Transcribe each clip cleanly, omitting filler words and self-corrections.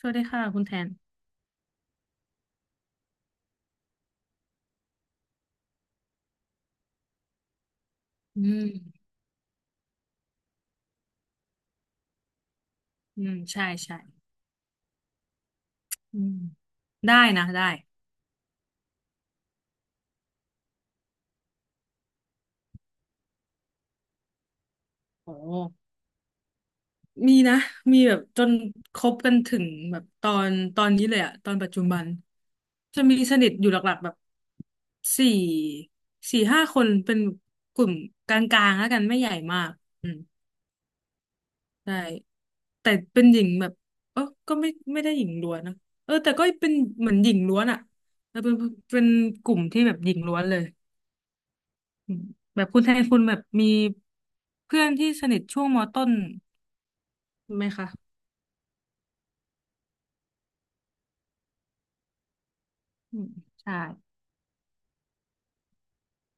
สวัสดีค่ะคุณแทนอืมอืมใช่ใช่อืมได้นะได้โอ้มีนะมีแบบจนคบกันถึงแบบตอนนี้เลยอะตอนปัจจุบันจะมีสนิทอยู่หลักๆแบบสี่สี่ห้าคนเป็นกลุ่มกลางๆแล้วกันไม่ใหญ่มากอืมใช่แต่เป็นหญิงแบบเออก็ไม่ได้หญิงล้วนนะเออแต่ก็เป็นเหมือนหญิงล้วนอะแล้วเป็นกลุ่มที่แบบหญิงล้วนเลย อืมแบบคุณแทนคุณแบบมีเพื่อนที่สนิทช่วงมต้นไหมคะอืมใช่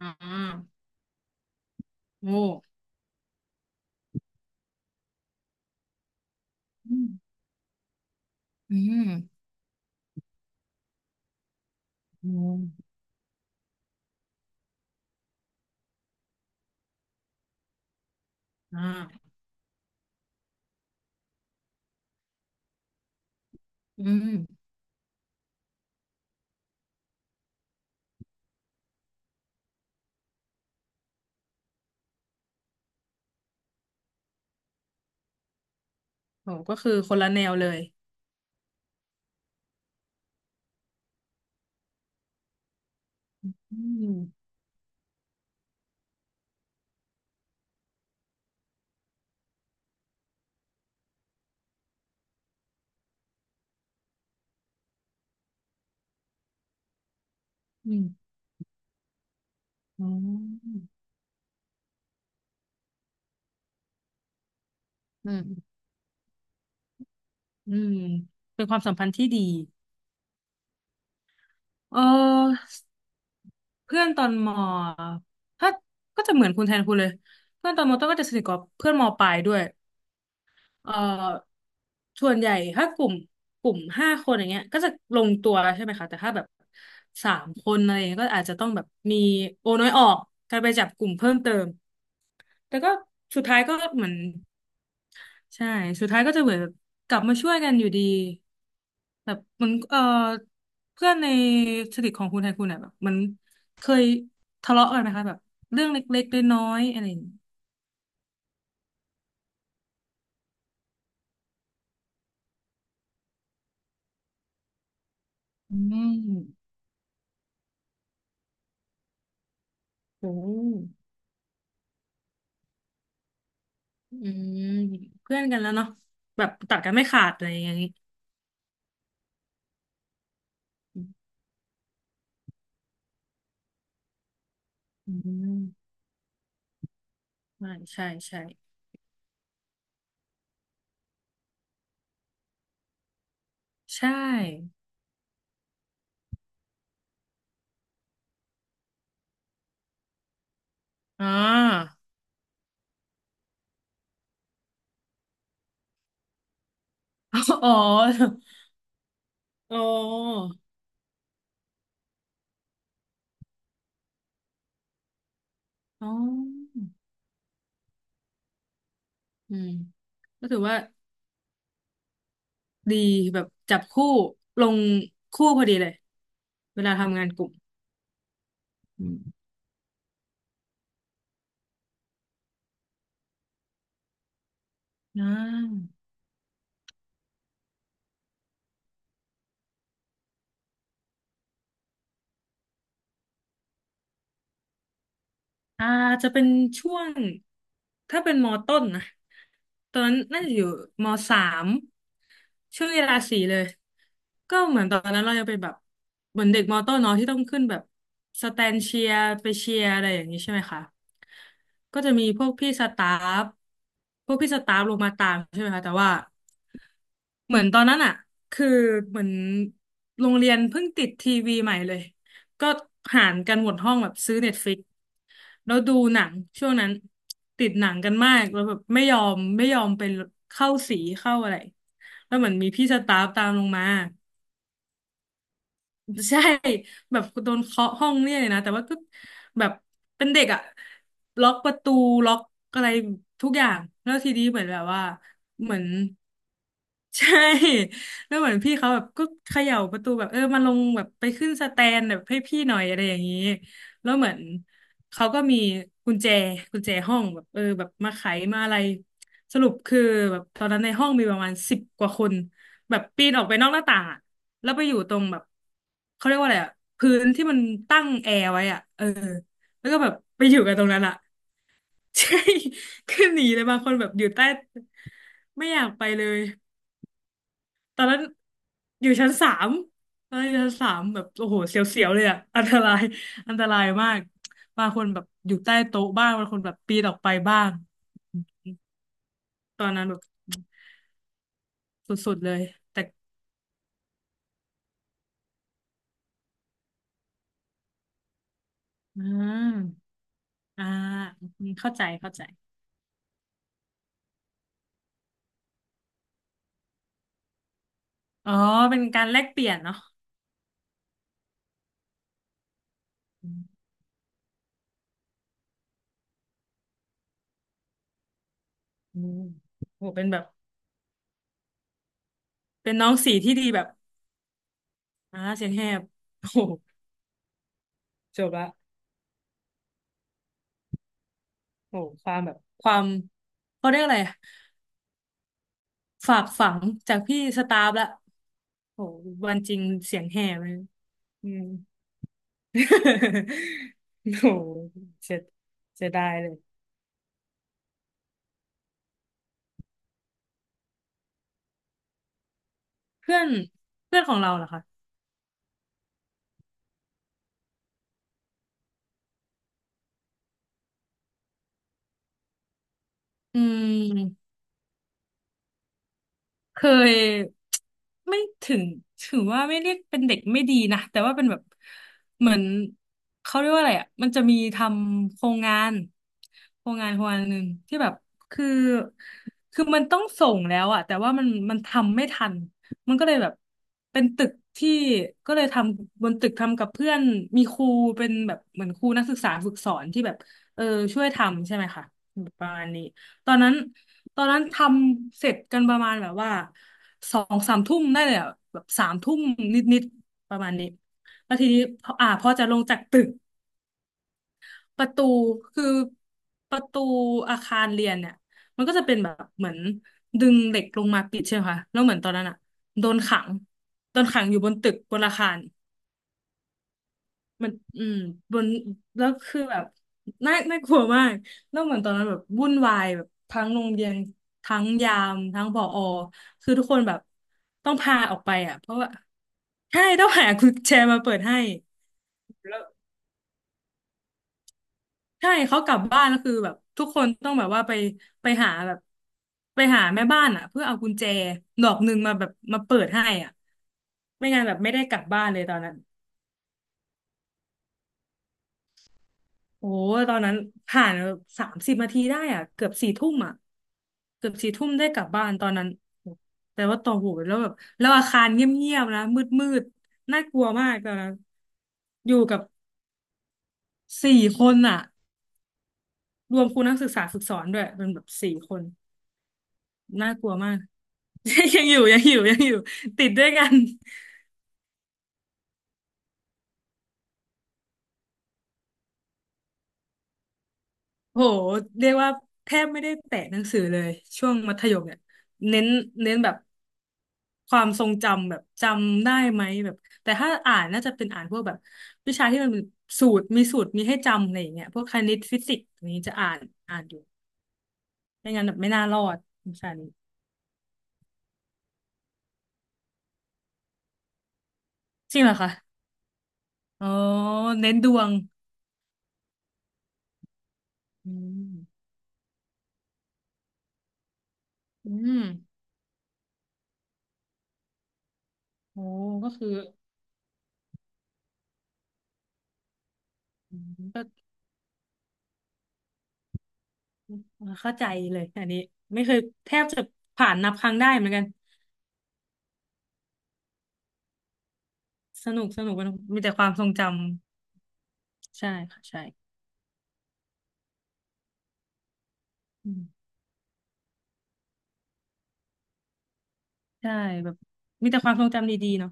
อ่าโอ้อืมอืมอืมอ่าอืมโหก็คือคนละแนวเลยอืมอืมอืออืมอืมเป็นความสัมพันธ์ที่ดีเออเพื่อนตอนมถ้าก็จะเหมือนคุณแทนคุณเลยเพื่อนตอนมต้นก็จะสนิทกับเพื่อนมปลายด้วย เอ่อส่วนใหญ่ถ้ากลุ่มห้าคนอย่างเงี้ยก็จะลงตัวใช่ไหมคะแต่ถ้าแบบสามคนอะไรอย่างเงี้ยก็อาจจะต้องแบบมีโอน้อยออกการไปจับกลุ่มเพิ่มเติมแต่ก็สุดท้ายก็เหมือนใช่สุดท้ายก็จะเหมือนแบบกลับมาช่วยกันอยู่ดีแบบเหมันเพื่อนในสนิทของคุณไทยคุณอ่ะแบบมันเคยทะเลาะกันไหมคะแบบเรื่องเล็กๆน้อยๆอะไรอย่างงี้อืมโอ้ อืมเพื่อนกันแล้วเนาะแบบตัดกันไม่ขาดอะไรอย่างนี้อืมใช่ใช่ใช่ใช่อ๋อ อ๋ออ๋ออ๋ออืมก็ถือว่าดีแบบจับคู่ลงคู่พอดีเลยเวลาทำงานกลุ่มอืมอ่า อ่าจะเป็นช่วงถ้าเป็นมอต้นนะตอนนั้นน่าจะอยู่มสามช่วงเวลาสี่เลยก็เหมือนตอนนั้นเราจะเป็นแบบเหมือนเด็กมอต้นเนาะที่ต้องขึ้นแบบสแตนเชียร์ไปเชียร์อะไรอย่างนี้ใช่ไหมคะก็จะมีฟพวกพี่สตาฟลงมาตามใช่ไหมคะแต่ว่า เหมือนตอนนั้นอ่ะคือเหมือนโรงเรียนเพิ่งติดทีวีใหม่เลย ก็หารกันหมดห้องแบบซื้อเน็ตฟลิกแล้วดูหนังช่วงนั้นติดหนังกันมากแล้วแบบไม่ยอมไปเข้าสีเข้าอะไร แล้วเหมือนมีพี่สตาฟตามลงมา ใช่แบบโดนเคาะห้องเนียกเลยนะแต่ว่าก็แบบเป็นเด็กอะล็อกประตูล็อกอะไรทุกอย่างแล้วทีนี้เหมือนแบบว่าเหมือนใช่แล้วเหมือนพี่เขาแบบก็เขย่าประตูแบบเออมาลงแบบไปขึ้นสแตนแบบให้พี่หน่อยอะไรอย่างนี้แล้วเหมือนเขาก็มีกุญแจกุญแจห้องแบบเออแบบมาไขมาอะไรสรุปคือแบบตอนนั้นในห้องมีประมาณ10 กว่าคน แบบปีนออกไปนอกหน้าต่างอะแล้วไปอยู่ตรงแบบเขาเรียกว่าอะไรอะพื้นที่มันตั้งแอร์ไว้อะเออแล้วก็แบบไปอยู่กันตรงนั้นอะ ใช่คือหนีเลยบางคนแบบอยู่ใต้ไม่อยากไปเลยตอนนั้นอยู่ชั้นสามตอนนั้นอยู่ชั้นสามแบบโอ้โหเสียวๆเลยอ่ะอันตรายอันตรายมากบางคนแบบอยู่ใต้โต๊ะบ้างบางคนแบบปีนออกไปบ้างตอนนั้นแบบสุดๆเลยแต่อ่า อ่าอืมเข้าใจเข้าใจอ๋อเป็นการแลกเปลี่ยนเนาะอืมอืมโหเป็นแบบเป็นน้องสีที่ดีแบบอ่าเสียงแหบโอ้โหจบละโอ้โหความแบบความเขาเรียกอะไรอะฝากฝังจากพี่สตาฟละโอ้โหวันจริงเสียงแหบเลยอืม โอ้โหเสียเสียดายเลยเพื่อนเพื่อนของเราเหรอคะอืม เคยไม่ถึงถือว่าไม่เรียกเป็นเด็กไม่ดีนะแต่ว่าเป็นแบบเหมือนเขาเรียกว่าอะไรอ่ะมันจะมีทำโครงงานโครงงานหนึ่งที่แบบคือคือมันต้องส่งแล้วอ่ะแต่ว่ามันทำไม่ทันมันก็เลยแบบเป็นตึกที่ก็เลยทำบนตึกทำกับเพื่อนมีครูเป็นแบบเหมือนครูนักศึกษาฝึกสอนที่แบบเออช่วยทำใช่ไหมคะแบบประมาณนี้ตอนนั้น ตอนนั้นทำเสร็จกันประมาณแบบว่าสองสามทุ่มได้เลยอะแบบสามทุ่มนิดๆประมาณนี้แล้วทีนี้พออ่าพอจะลงจากตึกประตูคือประตูอาคารเรียนเนี่ยมันก็จะเป็นแบบเหมือนดึงเหล็กลงมาปิดใช่ไหมคะแล้วเหมือนตอนนั้นอะโดนขังโดนขังอยู่บนตึกบนอาคาร มันอืมบนแล้วคือแบบน่าน่ากลัวมากแล้วเหมือนตอนนั้นแบบวุ่นวายแบบทั้งโรงเรียนทั้งยามทั้งผอคือทุกคนแบบต้องพาออกไปอ่ะเพราะว่าใช่ต้องหากุญแจมาเปิดให้แล้วใช่เขากลับบ้านก็คือแบบทุกคนต้องแบบว่าไปไปหาแบบไปหาแม่บ้านอ่ะเพื่อเอากุญแจดอกหนึ่งมาแบบมาเปิดให้อ่ะไม่งั้นแบบไม่ได้กลับบ้านเลยตอนนั้น โอ้ตอนนั้นผ่าน30นาทีได้อ่ะเกือบสี่ทุ่มอ่ะเกือบสี่ทุ่มได้กลับบ้านตอนนั้นโอ้แต่ว่าต่อโหแล้วแบบแล้วอาคารเงียบๆนะมืดๆน่ากลัวมากตอนนั้นอยู่กับสี่คนอ่ะรวมครูนักศึกษาฝึกสอนด้วยเป็นแบบสี่คนน่ากลัวมาก ยังอยู่ติดด้วยกัน โหเรียกว่าแทบไม่ได้แตะหนังสือเลยช่วงมัธยมเนี่ยเน้นเน้นแบบความทรงจำแบบจำได้ไหมแบบแต่ถ้าอ่านน่าจะเป็นอ่านพวกแบบวิชาที่มันเป็นสูตรมีสูตรมีให้จำอะไรอย่างเงี้ยพวกคณิตฟิสิกส์อย่างนี้จะอ่านอยู่ไม่งั้นแบบไม่น่ารอดวิชานี้จริงเหรอคะอ๋อเน้นดวงอืมอืมโอ้ก็คืออืมก็เข้าใจเลยอันนี้ไม่เคยแทบจะผ่านนับครั้งได้เหมือนกัน สนุกมันมีแต่ความทรงจำใช่ค่ะใช่อืมใช่แบบมีแต่ความทรงจำดีๆเนาะ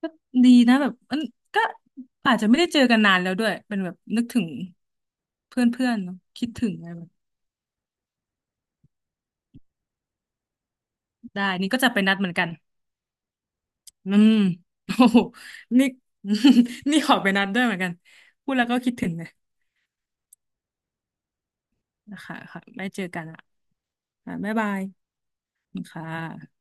ก็ดีนะแบบเอมก็อาจจะไม่ได้เจอกันนานแล้วด้วยเป็นแบบนึกถึงเพื่อนๆเนาะคิดถึงอะไรแบบได้นี่ก็จะไปนัดเหมือนกันอืมโอ้โหนี่ นี่ขอไปนัดด้วยเหมือนกันพูดแล้วก็คิดถึงเลยนะคะค่ะไม่เจอกันอ่ะค่ะบ๊ายบายค่ะ